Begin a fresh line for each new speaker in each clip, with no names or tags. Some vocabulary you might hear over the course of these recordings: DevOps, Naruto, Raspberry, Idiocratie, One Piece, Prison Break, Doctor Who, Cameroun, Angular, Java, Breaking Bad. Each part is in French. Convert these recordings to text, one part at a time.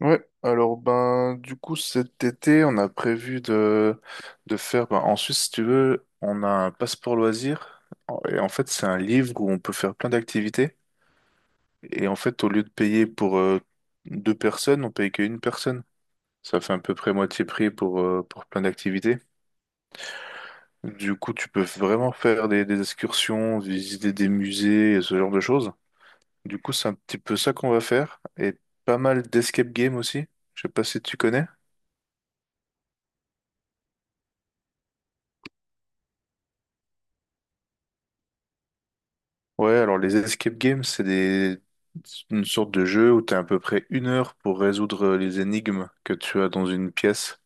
Ouais, alors ben du coup cet été on a prévu de faire ben, en Suisse si tu veux on a un passeport loisir, et en fait c'est un livre où on peut faire plein d'activités, et en fait au lieu de payer pour deux personnes, on paye qu'une personne. Ça fait à peu près moitié prix pour plein d'activités. Du coup tu peux vraiment faire des excursions, visiter des musées et ce genre de choses. Du coup c'est un petit peu ça qu'on va faire, et pas mal d'escape game aussi, je sais pas si tu connais. Ouais, alors les escape games, c'est des... une sorte de jeu où tu as à peu près une heure pour résoudre les énigmes que tu as dans une pièce.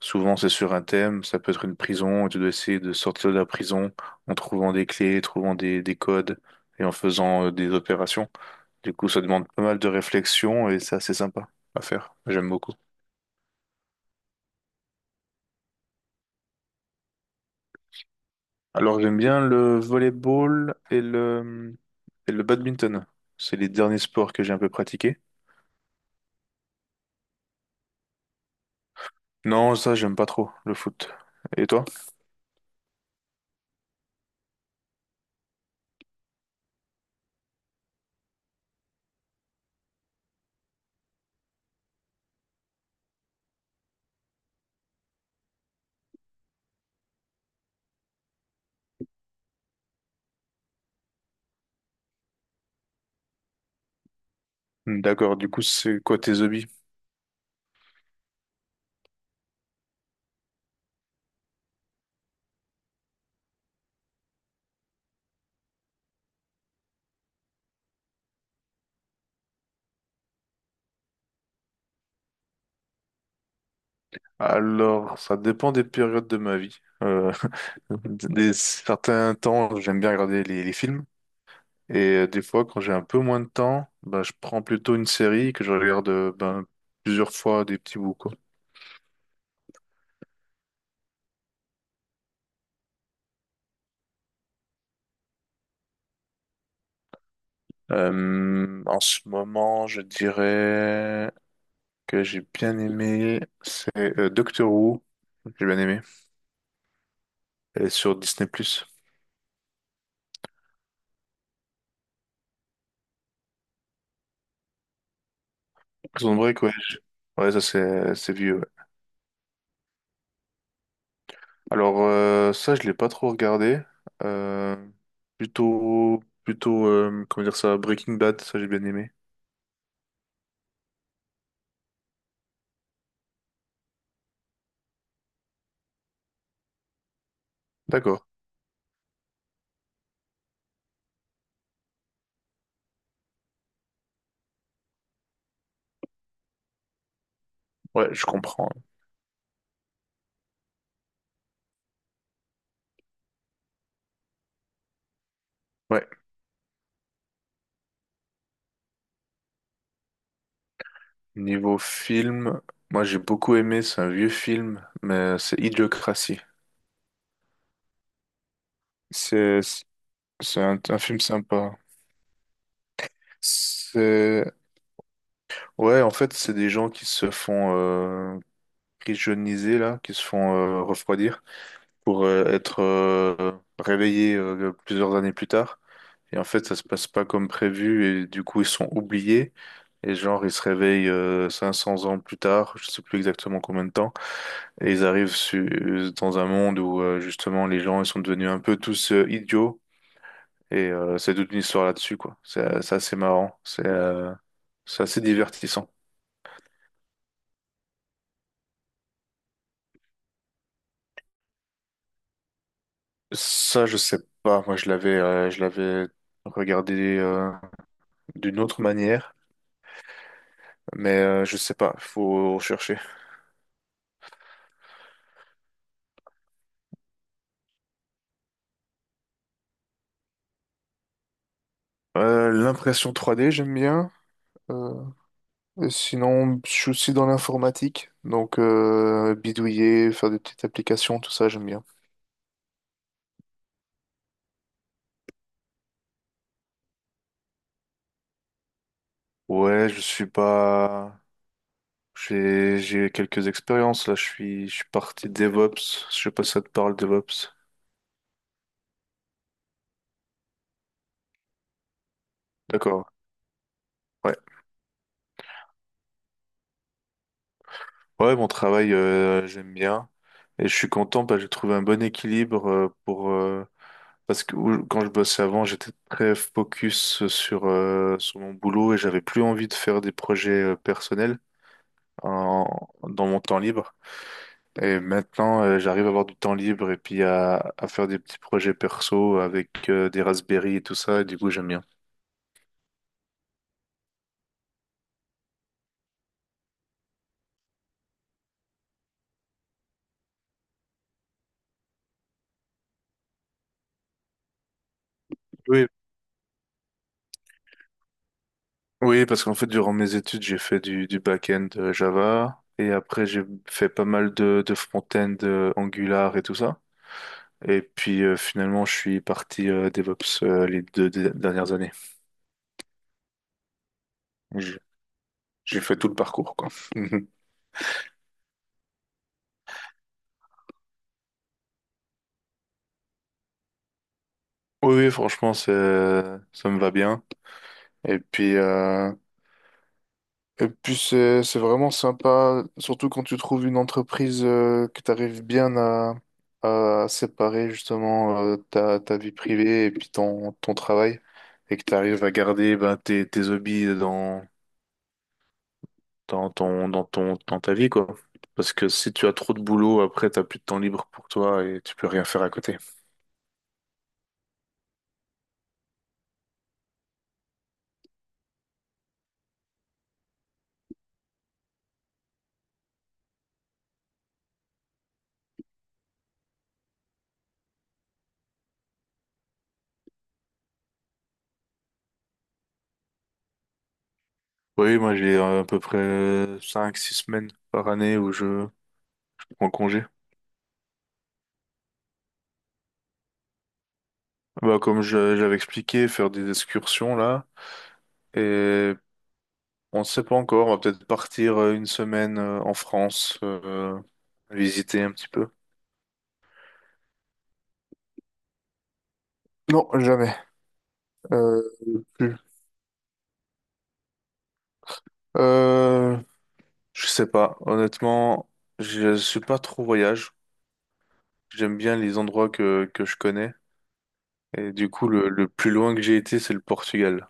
Souvent, c'est sur un thème, ça peut être une prison, et tu dois essayer de sortir de la prison en trouvant des clés, trouvant des codes et en faisant des opérations. Du coup, ça demande pas mal de réflexion et c'est assez sympa à faire. J'aime beaucoup. Alors, j'aime bien le volleyball et le badminton. C'est les derniers sports que j'ai un peu pratiqués. Non, ça, j'aime pas trop, le foot. Et toi? D'accord, du coup, c'est quoi tes hobbies? Alors, ça dépend des périodes de ma vie. Euh, des certains temps, j'aime bien regarder les films. Et des fois, quand j'ai un peu moins de temps, bah, je prends plutôt une série que je regarde ben, plusieurs fois des petits bouts, quoi. En ce moment, je dirais que j'ai bien aimé, c'est Doctor Who. J'ai bien aimé. Et sur Disney+. Prison Break, ouais. Ouais, ça, c'est vieux. Alors ça, je l'ai pas trop regardé. Euh, plutôt, comment dire ça, Breaking Bad, ça j'ai bien aimé. D'accord. Ouais, je comprends. Ouais. Niveau film, moi j'ai beaucoup aimé. C'est un vieux film, mais c'est Idiocratie. C'est, c'est un film sympa. C'est, ouais, en fait, c'est des gens qui se font pigeonniser là, qui se font refroidir, pour être réveillés plusieurs années plus tard. Et en fait, ça se passe pas comme prévu et du coup, ils sont oubliés. Et genre, ils se réveillent 500 ans plus tard, je sais plus exactement combien de temps, et ils arrivent dans un monde où justement les gens ils sont devenus un peu tous idiots. Et c'est toute une histoire là-dessus, quoi. C'est assez marrant, c'est assez divertissant. Ça, je sais pas. Moi, je l'avais regardé d'une autre manière. Mais je sais pas, faut rechercher. L'impression 3D, j'aime bien. Euh, et sinon, je suis aussi dans l'informatique, donc bidouiller, faire des petites applications, tout ça, j'aime bien. Ouais, je suis pas. J'ai quelques expériences là. Je suis parti DevOps. Je sais pas si ça te parle DevOps. D'accord. Ouais. Ouais, mon travail j'aime bien, et je suis content parce que j'ai trouvé un bon équilibre pour Parce que où- quand je bossais avant, j'étais très focus sur, sur mon boulot et j'avais plus envie de faire des projets en- dans mon temps libre. Et maintenant, j'arrive à avoir du temps libre et puis à faire des petits projets perso avec des Raspberry et tout ça. Et du coup, j'aime bien. Oui. Oui, parce qu'en fait, durant mes études, j'ai fait du back-end Java et après, j'ai fait pas mal de front-end Angular et tout ça. Et puis finalement, je suis parti DevOps dernières années. J'ai j'ai fait tout le parcours, quoi. Oui, oui, franchement, ça me va bien. Et puis, euh, et puis c'est vraiment sympa, surtout quand tu trouves une entreprise que tu arrives bien à séparer justement ta vie privée et puis ton travail, et que tu arrives à garder ben, tes hobbies dans ta vie, quoi. Parce que si tu as trop de boulot, après, t'as plus de temps libre pour toi et tu peux rien faire à côté. Oui, moi, j'ai à peu près cinq six semaines par année où je prends congé. Bah, comme je, j'avais expliqué, faire des excursions, là. Et on ne sait pas encore, on va peut-être partir une semaine en France, visiter un petit peu. Non, jamais. Euh, Plus. Euh, je sais pas. Honnêtement, je suis pas trop voyage. J'aime bien les endroits que je connais. Et du coup, le plus loin que j'ai été, c'est le Portugal.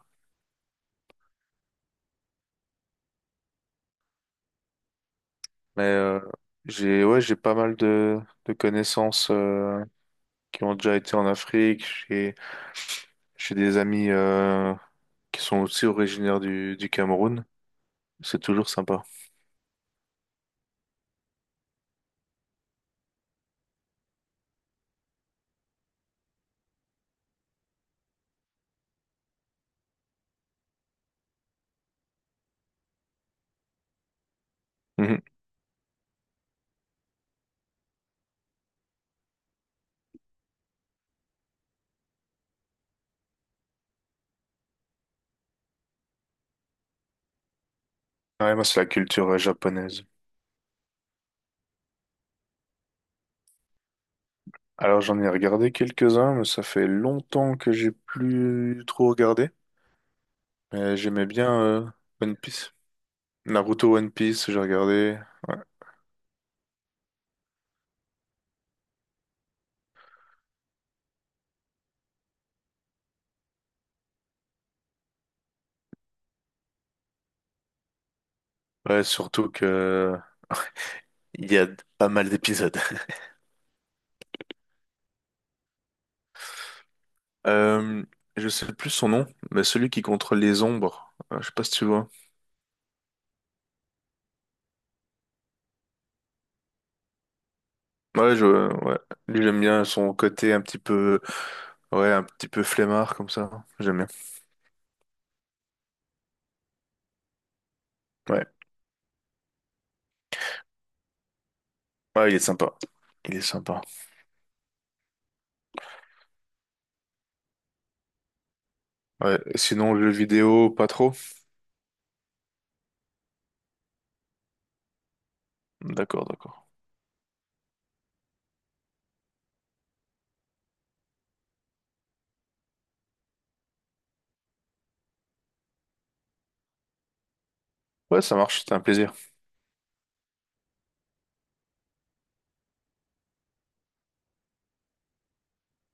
Mais j'ai ouais, j'ai pas mal de connaissances qui ont déjà été en Afrique. J'ai des amis qui sont aussi originaires du Cameroun. C'est toujours sympa. Mhm. Ouais, moi, c'est la culture japonaise. Alors, j'en ai regardé quelques-uns, mais ça fait longtemps que j'ai plus trop regardé. Mais j'aimais bien One Piece. Naruto One Piece, j'ai regardé. Ouais, surtout que il y a pas mal d'épisodes. Euh, je sais plus son nom, mais celui qui contrôle les ombres, je sais pas si tu vois. Ouais, je, ouais. Lui, j'aime bien son côté un petit peu, ouais, un petit peu flemmard comme ça. J'aime bien. Ouais, ouais, il est sympa. Il est sympa. Ouais. Sinon, le jeu vidéo, pas trop. D'accord, d'accord. Ouais, ça marche. C'était un plaisir.